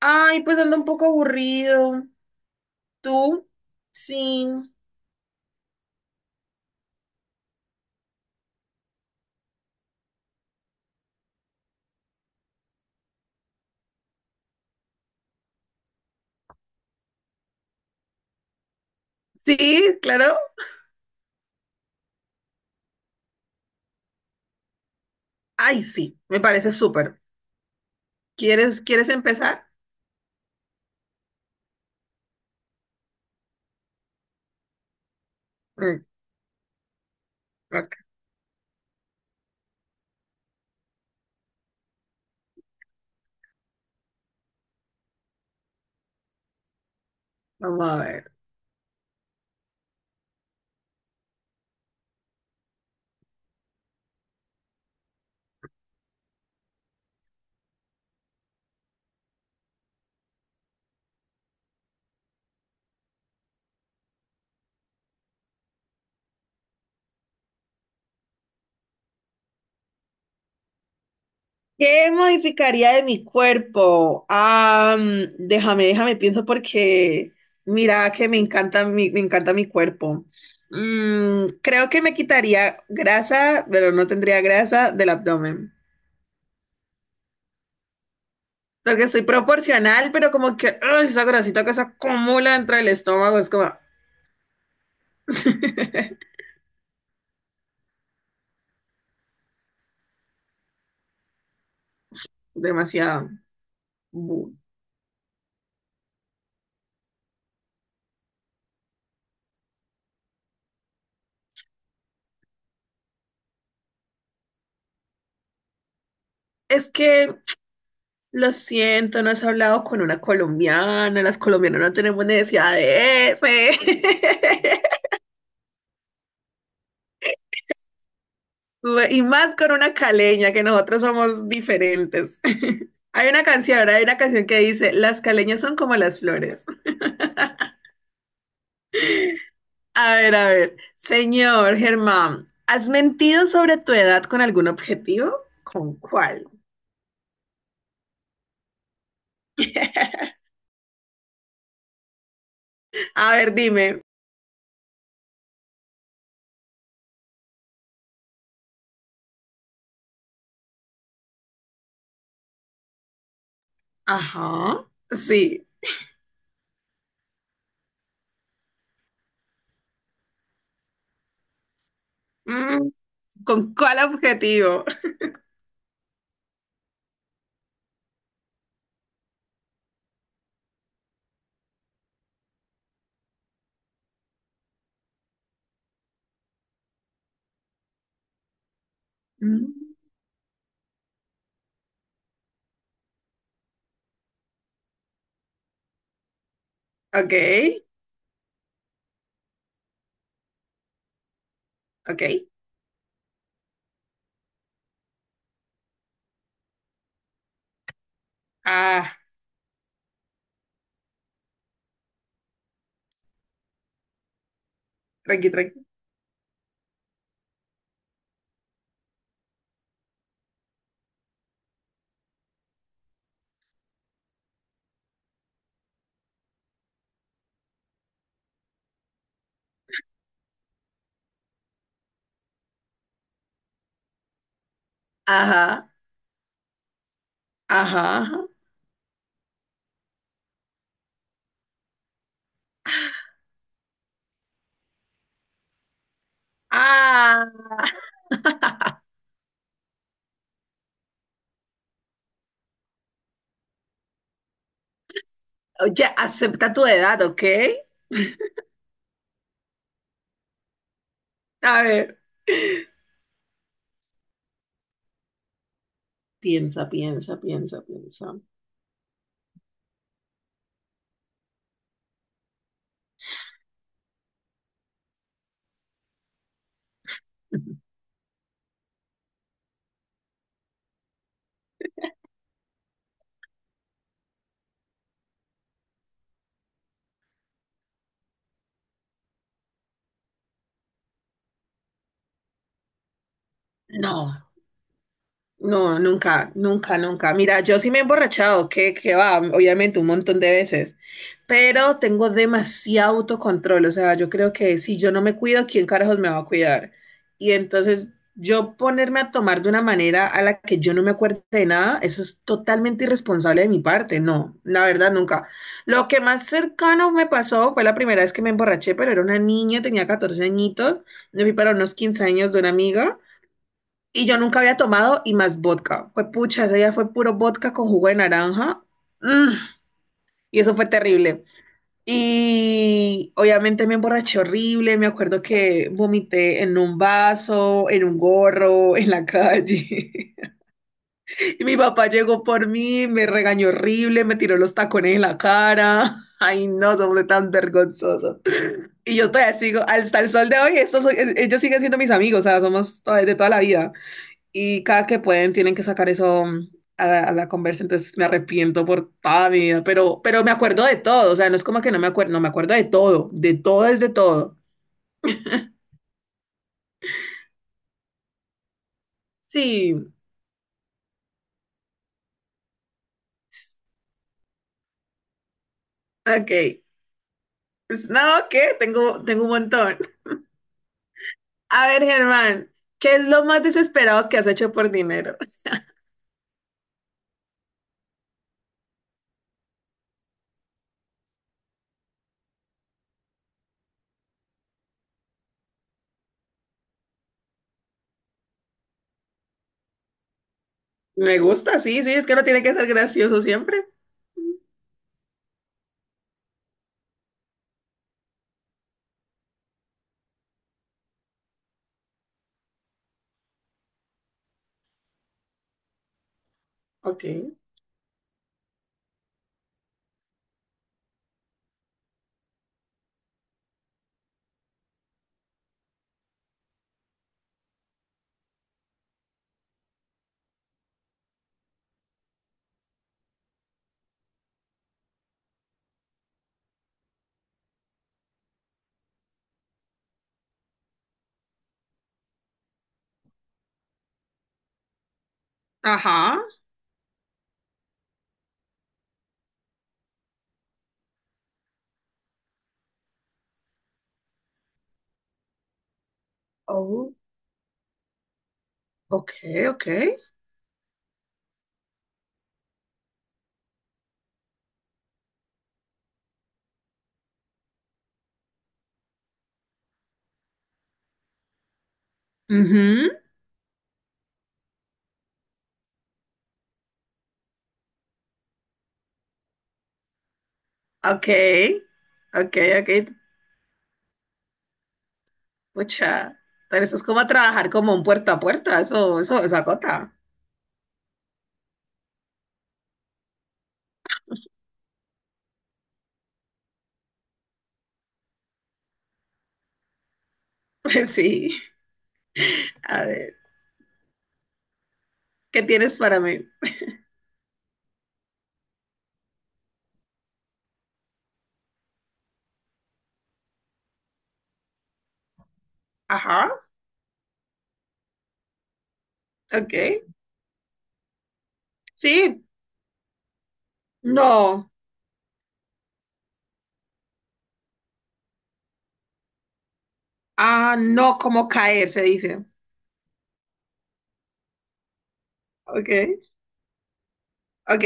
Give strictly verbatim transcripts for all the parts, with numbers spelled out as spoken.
Ay, pues ando un poco aburrido. ¿Tú? Sí. Sí, claro. Ay, sí, me parece súper. ¿Quieres, quieres empezar? Mm, ok, vamos a ver. ¿Qué modificaría de mi cuerpo? Ah, mm, déjame, déjame, pienso porque mira que me encanta mi, me encanta mi cuerpo. Mm, creo que me quitaría grasa, pero no tendría grasa del abdomen. Porque soy proporcional, pero como que ¡ay! Esa grasita que se acumula dentro del estómago es como demasiado. Bu. Es que lo siento, no has hablado con una colombiana, las colombianas no tenemos necesidad de ese. Y más con una caleña, que nosotros somos diferentes. Hay una canción, hay una canción que dice, las caleñas son como las flores. A ver, a ver. Señor Germán, ¿has mentido sobre tu edad con algún objetivo? ¿Con cuál? A ver, dime. Ajá. Sí. Mm. ¿Con cuál objetivo? Mm. Ok, ok. Ah, tranqui, tranqui. Ajá, ajá, ajá. Ah, oye, acepta tu edad, ¿ok? A ver. Piensa, piensa, piensa, piensa. No. No, nunca, nunca, nunca. Mira, yo sí me he emborrachado, que, que va, obviamente un montón de veces, pero tengo demasiado autocontrol, o sea, yo creo que si yo no me cuido, ¿quién carajos me va a cuidar? Y entonces yo ponerme a tomar de una manera a la que yo no me acuerde de nada, eso es totalmente irresponsable de mi parte, no, la verdad, nunca. Lo que más cercano me pasó fue la primera vez que me emborraché, pero era una niña, tenía catorce añitos, me fui para unos quince años de una amiga. Y yo nunca había tomado y más vodka. Fue pucha, ese día fue puro vodka con jugo de naranja. Mm, y eso fue terrible. Y obviamente me emborraché horrible. Me acuerdo que vomité en un vaso, en un gorro, en la calle. Y mi papá llegó por mí, me regañó horrible, me tiró los tacones en la cara. Ay, no, somos tan vergonzosos. Y yo todavía sigo, hasta el sol de hoy, estos, son- ellos siguen siendo mis amigos, o sea, somos to- de toda la vida. Y cada que pueden tienen que sacar eso mm, a la, a la conversa, entonces me arrepiento por toda mi vida, pero, pero me acuerdo de todo, o sea, no es como que no me acuerdo, no me acuerdo de todo, de todo es de todo. Sí, ok. Pues, no, ¿qué? Tengo, tengo un montón. A ver, Germán, ¿qué es lo más desesperado que has hecho por dinero? Me gusta, sí, sí, es que no tiene que ser gracioso siempre. Ok. Ajá. Oh, ok, ok. Ujú. Ok, ok, ok. Pucha, pero eso es como a trabajar como un puerta a puerta, eso, eso, eso acota. Pues sí. A ver, ¿qué tienes para mí? Ajá. Ok. Sí. No. Ah, no, como caer, se dice. Ok. Ok.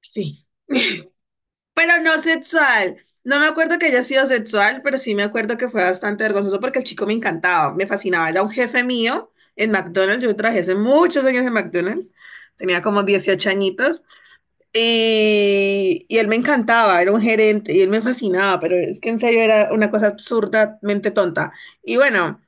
Sí. Pero no sexual. No me acuerdo que haya sido sexual, pero sí me acuerdo que fue bastante vergonzoso porque el chico me encantaba, me fascinaba. Era un jefe mío en McDonald's. Yo trabajé hace muchos años en McDonald's. Tenía como dieciocho añitos. Y, y él me encantaba, era un gerente y él me fascinaba, pero es que en serio era una cosa absurdamente tonta. Y bueno.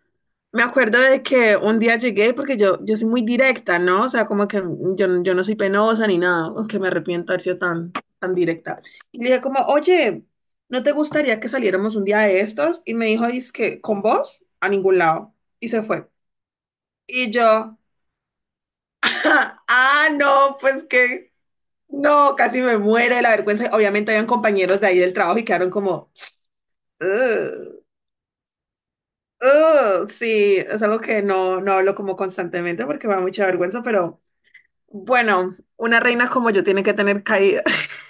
Me acuerdo de que un día llegué porque yo, yo soy muy directa, ¿no? O sea, como que yo, no- yo no soy penosa ni nada, aunque me arrepiento de haber sido tan, tan directa. Y le dije como, oye, ¿no te gustaría que saliéramos un día de estos? Y me dijo, es que con vos a ningún lado. Y se fue. Y yo, ah, no, pues que, no, casi me muero de la vergüenza. Obviamente habían compañeros de ahí del trabajo y quedaron como, "Ugh, ugh". Sí, es algo que no, no hablo como constantemente porque me da mucha vergüenza, pero... Bueno, una reina como yo tiene que tener caída.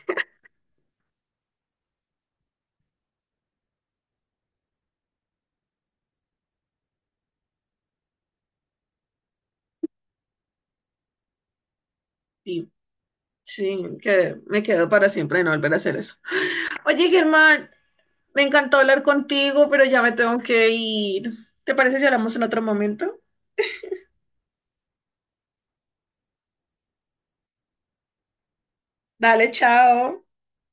Sí, sí, que me quedo para siempre de no volver a hacer eso. Oye, Germán, me encantó hablar contigo, pero ya me tengo que ir. ¿Te parece si hablamos en otro momento? Dale, chao.